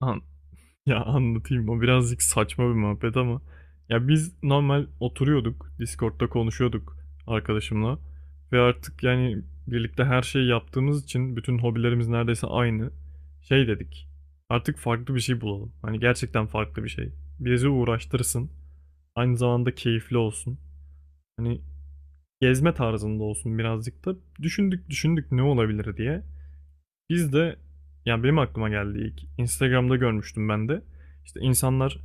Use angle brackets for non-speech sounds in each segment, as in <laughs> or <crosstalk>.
An ya anlatayım, o birazcık saçma bir muhabbet ama ya, biz normal oturuyorduk, Discord'da konuşuyorduk arkadaşımla. Ve artık yani birlikte her şeyi yaptığımız için bütün hobilerimiz neredeyse aynı, şey dedik, artık farklı bir şey bulalım, hani gerçekten farklı bir şey bizi uğraştırsın, aynı zamanda keyifli olsun, hani gezme tarzında olsun birazcık da. Düşündük düşündük ne olabilir diye. Biz de, yani benim aklıma geldi ilk. Instagram'da görmüştüm ben de. İşte insanlar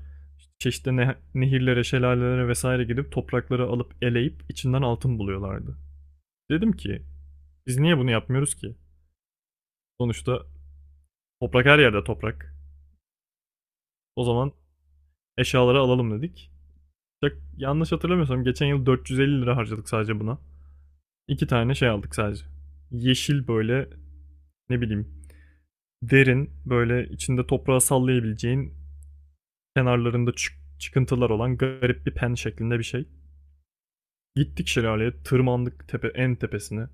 çeşitli nehirlere, şelalelere vesaire gidip toprakları alıp eleyip içinden altın buluyorlardı. Dedim ki biz niye bunu yapmıyoruz ki? Sonuçta toprak her yerde toprak. O zaman eşyaları alalım dedik. Çok yanlış hatırlamıyorsam geçen yıl 450 lira harcadık sadece buna. İki tane şey aldık sadece. Yeşil böyle, ne bileyim, derin böyle, içinde toprağı sallayabileceğin, kenarlarında çıkıntılar olan garip bir pen şeklinde bir şey. Gittik şelaleye, tırmandık tepe en tepesine.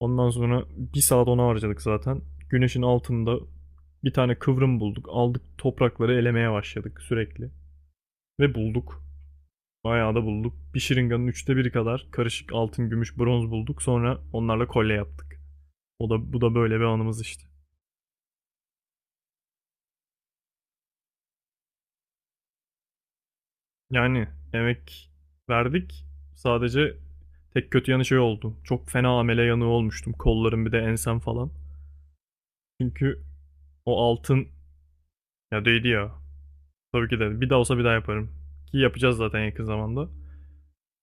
Ondan sonra bir saat ona harcadık zaten. Güneşin altında bir tane kıvrım bulduk. Aldık toprakları elemeye başladık sürekli. Ve bulduk. Bayağı da bulduk. Bir şırınganın 1/3'i kadar karışık altın, gümüş, bronz bulduk. Sonra onlarla kolye yaptık. O da bu da, böyle bir anımız işte. Yani emek verdik. Sadece tek kötü yanı şey oldu, çok fena amele yanığı olmuştum. Kollarım, bir de ensem falan. Çünkü o altın, ya değdi ya. Tabii ki de. Bir daha olsa bir daha yaparım. Ki yapacağız zaten yakın zamanda.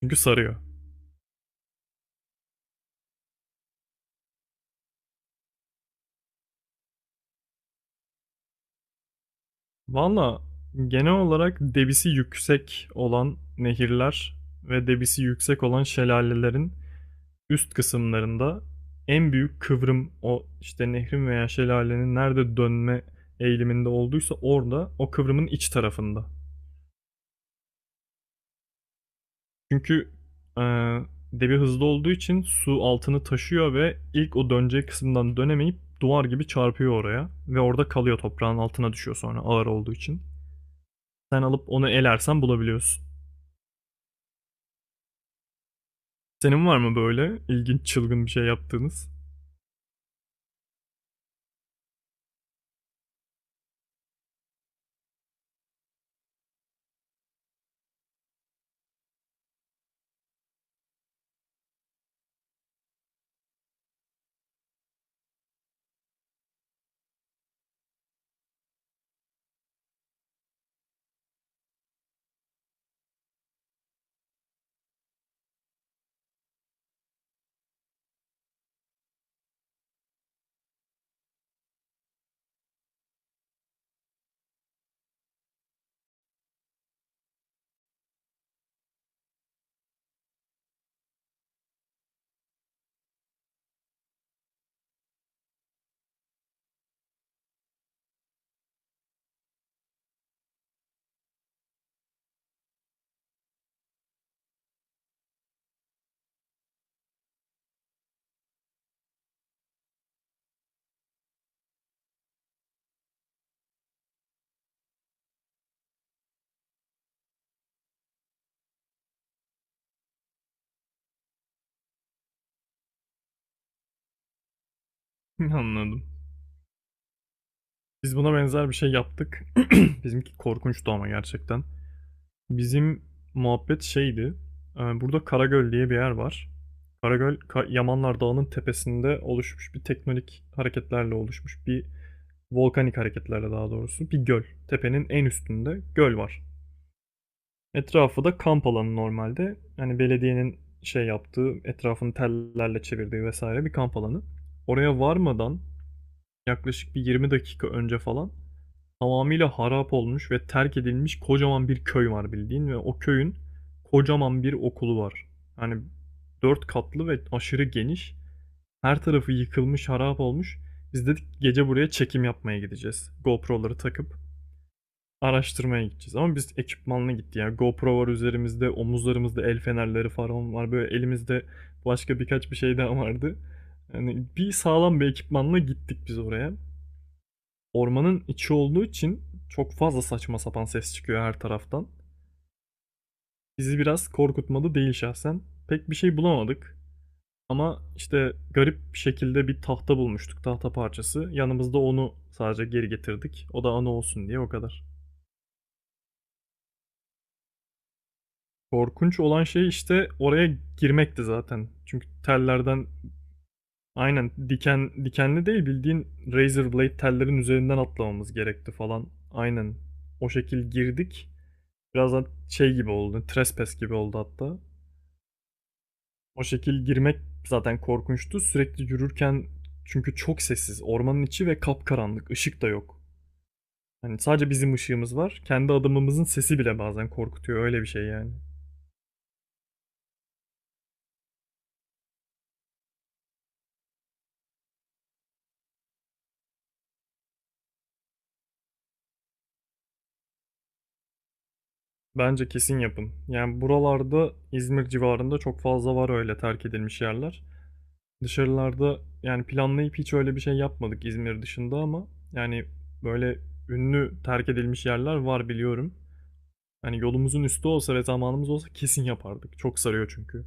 Çünkü sarıyor. Valla genel olarak debisi yüksek olan nehirler ve debisi yüksek olan şelalelerin üst kısımlarında, en büyük kıvrım o işte, nehrin veya şelalenin nerede dönme eğiliminde olduysa orada, o kıvrımın iç tarafında. Çünkü e, debi hızlı olduğu için su altını taşıyor ve ilk o döneceği kısımdan dönemeyip duvar gibi çarpıyor oraya ve orada kalıyor, toprağın altına düşüyor sonra ağır olduğu için. Sen alıp onu elersen bulabiliyorsun. Senin var mı böyle ilginç çılgın bir şey yaptığınız? <laughs> Anladım. Biz buna benzer bir şey yaptık. <clears throat> <laughs> Bizimki korkunçtu ama gerçekten. Bizim muhabbet şeydi. Burada Karagöl diye bir yer var. Karagöl, Yamanlar Dağı'nın tepesinde oluşmuş bir teknonik hareketlerle oluşmuş bir, volkanik hareketlerle daha doğrusu, bir göl. Tepenin en üstünde göl var. Etrafı da kamp alanı normalde. Hani belediyenin şey yaptığı, etrafını tellerle çevirdiği vesaire bir kamp alanı. Oraya varmadan yaklaşık bir 20 dakika önce falan, tamamıyla harap olmuş ve terk edilmiş kocaman bir köy var bildiğin ve o köyün kocaman bir okulu var. Hani 4 katlı ve aşırı geniş. Her tarafı yıkılmış, harap olmuş. Biz dedik gece buraya çekim yapmaya gideceğiz, GoPro'ları takıp araştırmaya gideceğiz. Ama biz ekipmanla gittik. Yani GoPro var üzerimizde, omuzlarımızda el fenerleri falan var, böyle elimizde başka birkaç bir şey daha vardı. Yani bir sağlam bir ekipmanla gittik biz oraya. Ormanın içi olduğu için çok fazla saçma sapan ses çıkıyor her taraftan. Bizi biraz korkutmadı değil şahsen. Pek bir şey bulamadık. Ama işte garip bir şekilde bir tahta bulmuştuk, tahta parçası. Yanımızda onu sadece geri getirdik. O da anı olsun diye, o kadar. Korkunç olan şey işte oraya girmekti zaten. Çünkü tellerden, aynen diken dikenli değil bildiğin, razor blade tellerin üzerinden atlamamız gerekti falan. Aynen o şekil girdik. Birazdan şey gibi oldu, trespass gibi oldu hatta. O şekil girmek zaten korkunçtu. Sürekli yürürken, çünkü çok sessiz. Ormanın içi ve kapkaranlık. Işık da yok. Hani sadece bizim ışığımız var. Kendi adımımızın sesi bile bazen korkutuyor. Öyle bir şey yani. Bence kesin yapın. Yani buralarda İzmir civarında çok fazla var öyle terk edilmiş yerler. Dışarılarda yani planlayıp hiç öyle bir şey yapmadık İzmir dışında ama, yani, böyle ünlü terk edilmiş yerler var biliyorum. Hani yolumuzun üstü olsa ve zamanımız olsa kesin yapardık. Çok sarıyor çünkü.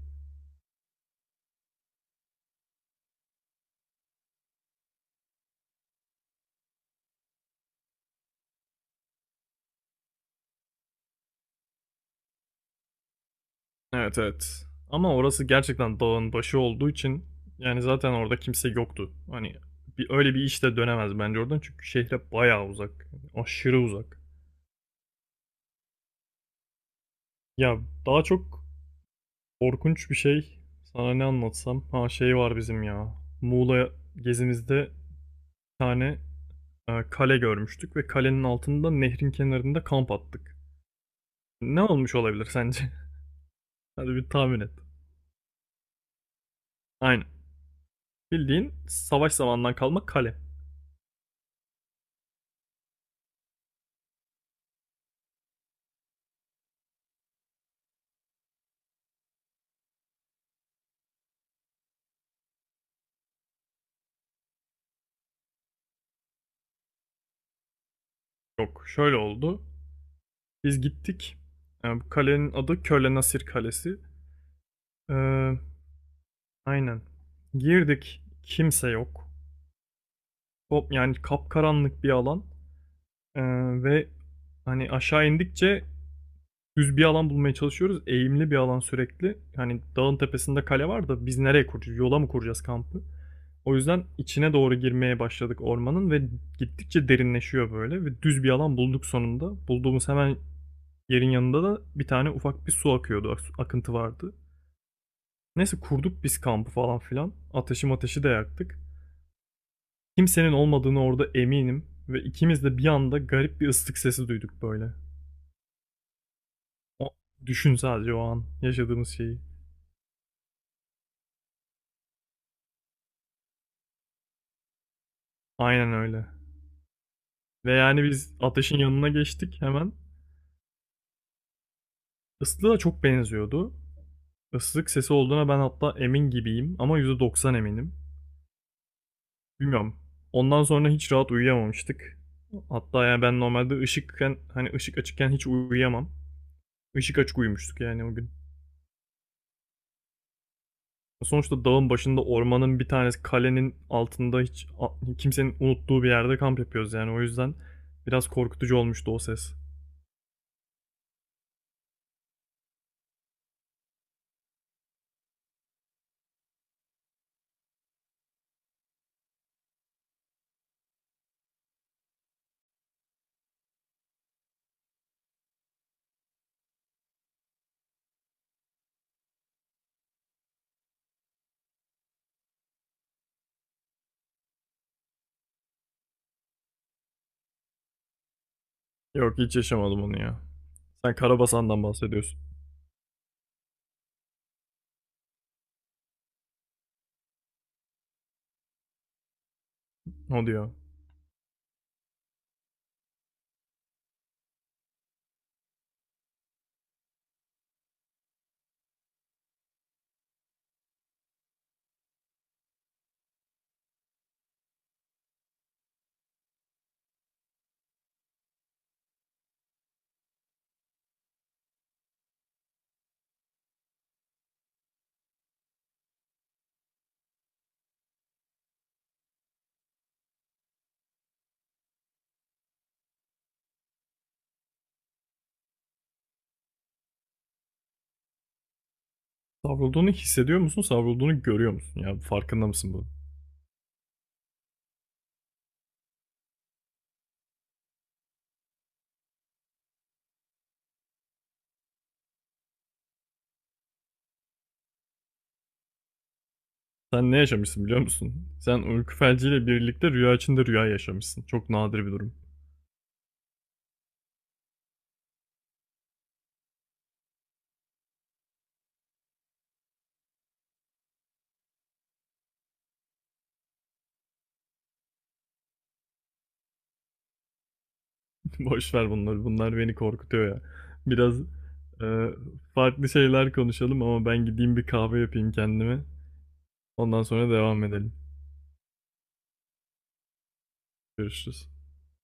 Evet evet. Ama orası gerçekten dağın başı olduğu için, yani zaten orada kimse yoktu. Hani bir, öyle bir iş de dönemez bence oradan, çünkü şehre bayağı uzak. Aşırı uzak. Ya daha çok korkunç bir şey. Sana ne anlatsam? Ha, şey var bizim ya. Muğla gezimizde tane kale görmüştük ve kalenin altında nehrin kenarında kamp attık. Ne olmuş olabilir sence? <laughs> Hadi bir tahmin et. Aynen. Bildiğin savaş zamanından kalma kale. Yok, şöyle oldu. Biz gittik. Bu kalenin adı Köle Nasir Kalesi. E, aynen. Girdik. Kimse yok. Top, yani kapkaranlık bir alan. E, ve hani aşağı indikçe düz bir alan bulmaya çalışıyoruz. Eğimli bir alan sürekli. Hani dağın tepesinde kale var da biz nereye kuracağız? Yola mı kuracağız kampı? O yüzden içine doğru girmeye başladık ormanın ve gittikçe derinleşiyor böyle ve düz bir alan bulduk sonunda. Bulduğumuz hemen yerin yanında da bir tane ufak bir su akıyordu. Akıntı vardı. Neyse kurduk biz kampı falan filan. Ateşi de yaktık. Kimsenin olmadığını orada eminim ve ikimiz de bir anda garip bir ıslık sesi duyduk böyle. O, düşün sadece o an yaşadığımız şeyi. Aynen öyle. Ve yani biz ateşin yanına geçtik hemen. Islığa çok benziyordu. Islık sesi olduğuna ben hatta emin gibiyim ama %90 eminim. Bilmiyorum. Ondan sonra hiç rahat uyuyamamıştık. Hatta yani ben normalde ışıkken, hani ışık açıkken hiç uyuyamam. Işık açık uyumuştuk yani o gün. Sonuçta dağın başında ormanın bir tanesi kalenin altında hiç kimsenin unuttuğu bir yerde kamp yapıyoruz yani, o yüzden biraz korkutucu olmuştu o ses. Yok, hiç yaşamadım onu ya. Sen Karabasan'dan bahsediyorsun. O diyor. Savrulduğunu hissediyor musun? Savrulduğunu görüyor musun? Ya farkında mısın bu? Sen ne yaşamışsın biliyor musun? Sen uyku felciyle birlikte rüya içinde rüya yaşamışsın. Çok nadir bir durum. <laughs> Boş ver bunları. Bunlar beni korkutuyor ya. Biraz e, farklı şeyler konuşalım ama ben gideyim bir kahve yapayım kendime. Ondan sonra devam edelim. Görüşürüz.